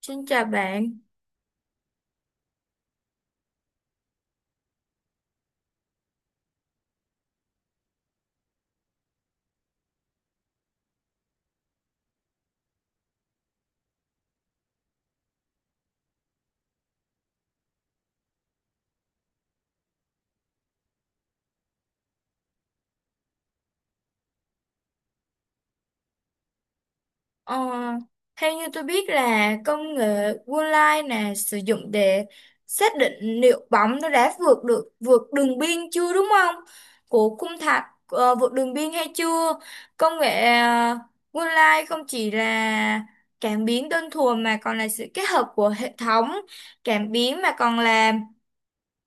Xin chào bạn. Ờ, Theo như tôi biết là công nghệ Goal Line là sử dụng để xác định liệu bóng nó đã vượt đường biên chưa, đúng không? Của khung thành, vượt đường biên hay chưa? Công nghệ uh, Goal không chỉ là cảm biến đơn thuần mà còn là sự kết hợp của hệ thống cảm biến, mà còn là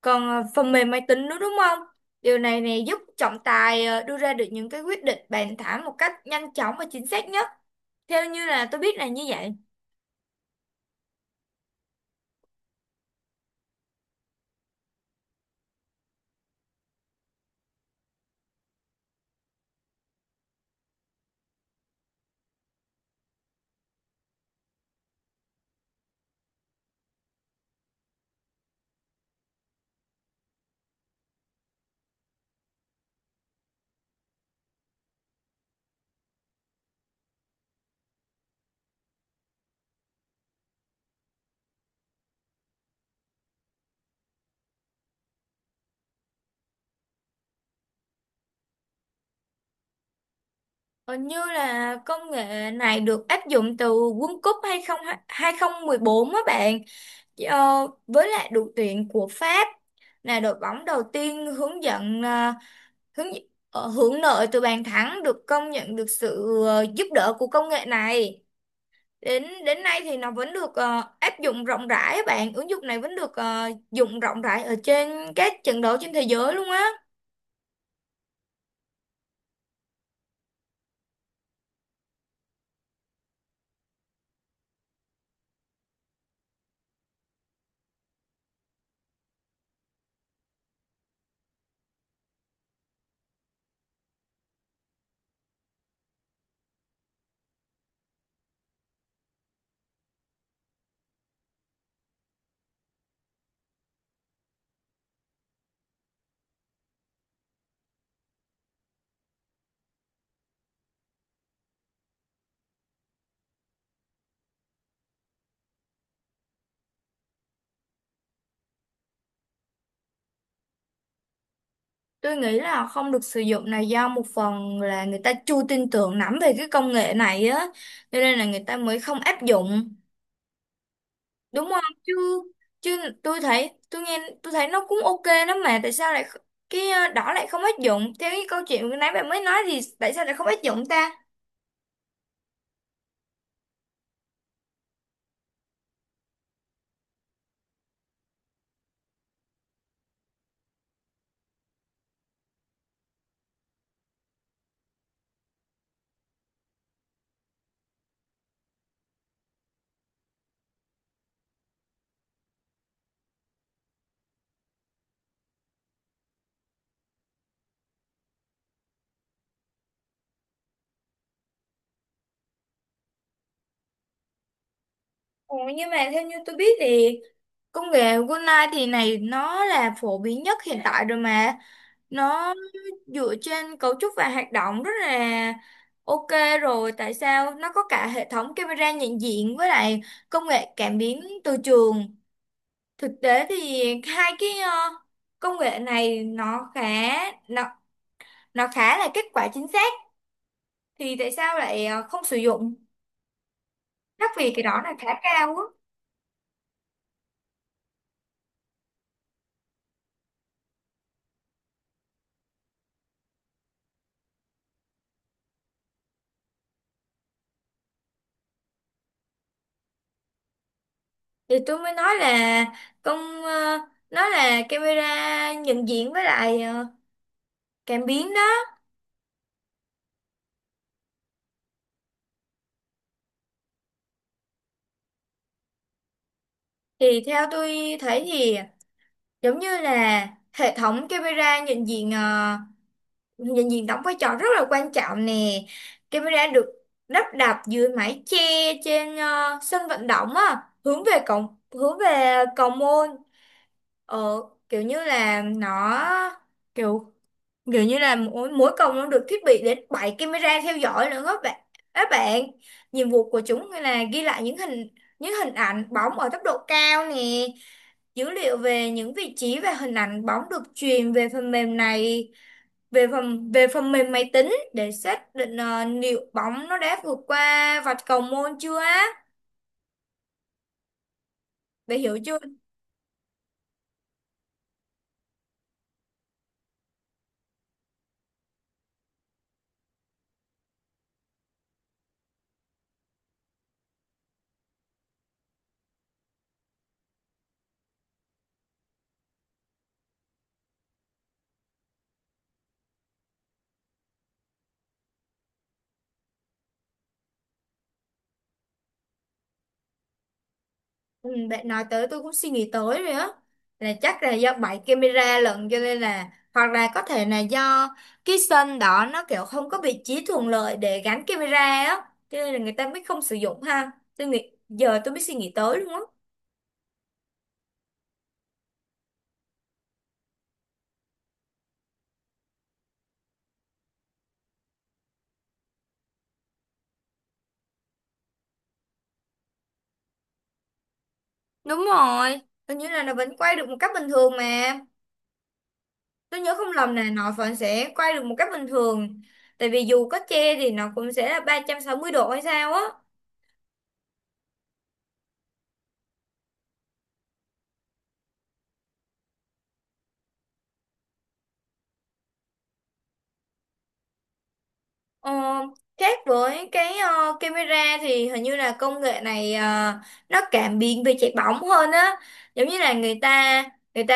Phần mềm máy tính nữa, đúng không? Điều này này giúp trọng tài đưa ra được những cái quyết định bàn thảo một cách nhanh chóng và chính xác nhất. Theo như là tôi biết là như vậy. Còn như là công nghệ này được áp dụng từ World Cup 2014 á bạn. Ờ, với lại đội tuyển của Pháp là đội bóng đầu tiên hướng dẫn ờ, hướng ờ, hưởng lợi từ bàn thắng được công nhận, được sự giúp đỡ của công nghệ này. Đến đến nay thì nó vẫn được áp dụng rộng rãi á bạn, ứng dụng này vẫn được dùng rộng rãi ở trên các trận đấu trên thế giới luôn á. Tôi nghĩ là không được sử dụng này do một phần là người ta chưa tin tưởng lắm về cái công nghệ này á, cho nên là người ta mới không áp dụng, đúng không chứ? Chứ tôi thấy nó cũng ok lắm mà tại sao lại cái đó lại không áp dụng? Theo cái câu chuyện vừa nãy bạn mới nói thì tại sao lại không áp dụng ta? Ồ, nhưng mà theo như tôi biết thì công nghệ Golai thì này nó là phổ biến nhất hiện tại rồi mà. Nó dựa trên cấu trúc và hoạt động rất là ok rồi, tại sao nó có cả hệ thống camera nhận diện với lại công nghệ cảm biến từ trường. Thực tế thì hai cái công nghệ này nó nó, khá là kết quả chính xác, thì tại sao lại không sử dụng? Chắc vì cái đó là khá cao á. Thì tôi mới nói là con ờ, nó là camera nhận diện với lại, cảm biến đó. Thì theo tôi thấy thì giống như là hệ thống camera nhận diện, đóng vai trò rất là quan trọng nè. Camera được lắp đặt dưới mái che trên sân vận động á, hướng về cầu môn. Ở kiểu như là nó kiểu Kiểu như là mỗi cổng nó được thiết bị đến 7 camera theo dõi nữa các bạn. Các bạn, nhiệm vụ của chúng là ghi lại những hình ảnh bóng ở tốc độ cao nè, dữ liệu về những vị trí và hình ảnh bóng được truyền về phần mềm này, về phần mềm máy tính để xác định liệu bóng nó đã vượt qua vạch cầu môn chưa á. Bạn hiểu chưa? Ừ, bạn nói tới tôi cũng suy nghĩ tới rồi á, là chắc là do bảy camera lận, cho nên là hoặc là có thể là do cái sân đó nó kiểu không có vị trí thuận lợi để gắn camera á, cho nên là người ta mới không sử dụng ha. Tôi nghĩ giờ tôi mới suy nghĩ tới luôn á. Đúng rồi, tôi nhớ là nó vẫn quay được một cách bình thường mà, tôi nhớ không lầm là nó vẫn sẽ quay được một cách bình thường. Tại vì dù có che thì nó cũng sẽ là 360 độ hay sao á. Ờ, khác với cái camera thì hình như là công nghệ này nó cảm biến về chạy bóng hơn á. Giống như là người ta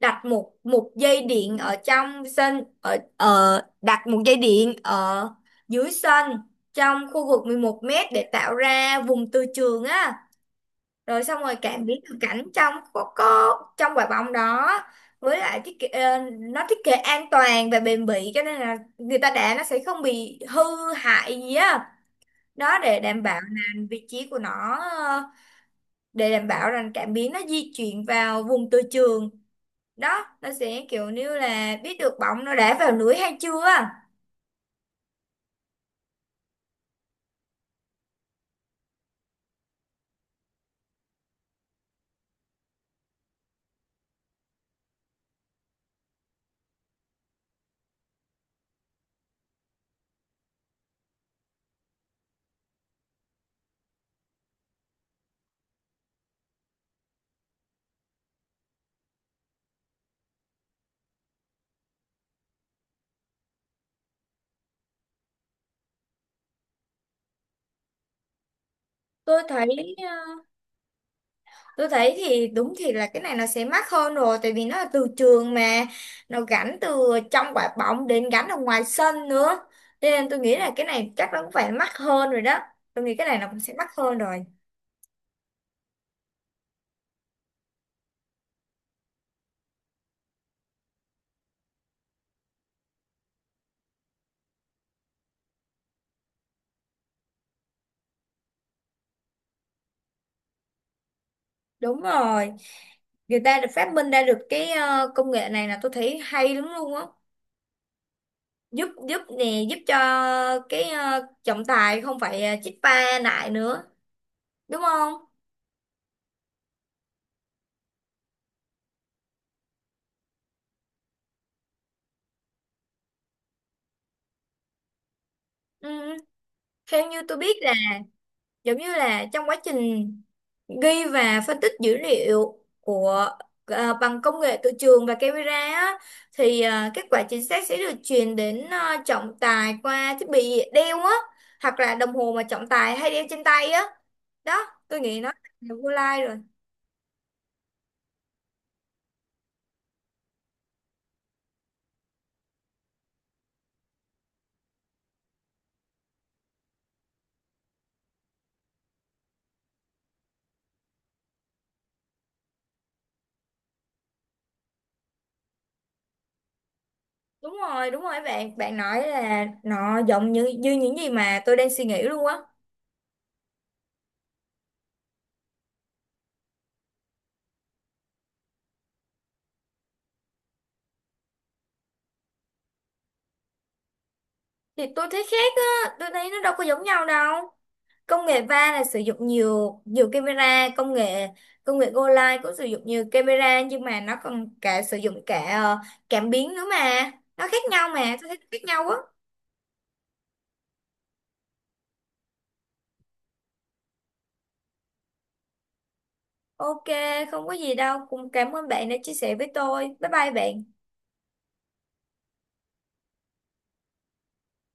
đặt một một dây điện ở trong sân, ở ở đặt một dây điện ở dưới sân, trong khu vực 11 mét để tạo ra vùng từ trường á. Rồi xong rồi cảm biến thực cảnh trong có trong quả bóng đó. Với lại thiết kế, nó thiết kế an toàn và bền bỉ, cho nên là người ta đá nó sẽ không bị hư hại gì á. Đó để đảm bảo là vị trí của nó, để đảm bảo rằng cảm biến nó di chuyển vào vùng từ trường đó, nó sẽ kiểu như là biết được bóng nó đá vào lưới hay chưa. Tôi thấy ờ, tôi thấy thì đúng thì là cái này nó sẽ mắc hơn rồi, tại vì nó là từ trường mà, nó gắn từ trong quả bóng đến gắn ở ngoài sân nữa. Cho nên tôi nghĩ là cái này chắc nó cũng phải mắc hơn rồi đó, tôi nghĩ cái này nó cũng sẽ mắc hơn rồi. Đúng rồi, người ta được phát minh ra được cái công nghệ này là tôi thấy hay lắm luôn á. Giúp giúp nè giúp cho cái trọng tài không phải chích va lại nữa, đúng không? Ừ. Theo như tôi biết là giống như là trong quá trình ghi và phân tích dữ liệu của, à, bằng công nghệ từ trường và camera á, thì à, kết quả chính xác sẽ được truyền đến, à, trọng tài qua thiết bị đeo á, hoặc là đồng hồ mà trọng tài hay đeo trên tay á. Đó, tôi nghĩ nó là vô lai rồi. Đúng rồi, đúng rồi, bạn bạn nói là nó giống như như những gì mà tôi đang suy nghĩ luôn á. Thì tôi thấy khác á, tôi thấy nó đâu có giống nhau đâu. Công nghệ va là sử dụng nhiều nhiều camera, công nghệ Go Live cũng sử dụng nhiều camera, nhưng mà nó còn cả sử dụng cả cảm biến nữa mà. Nó khác nhau mà, tôi thấy khác nhau á. Ok, không có gì đâu, cũng cảm ơn bạn đã chia sẻ với tôi. Bye bye bạn.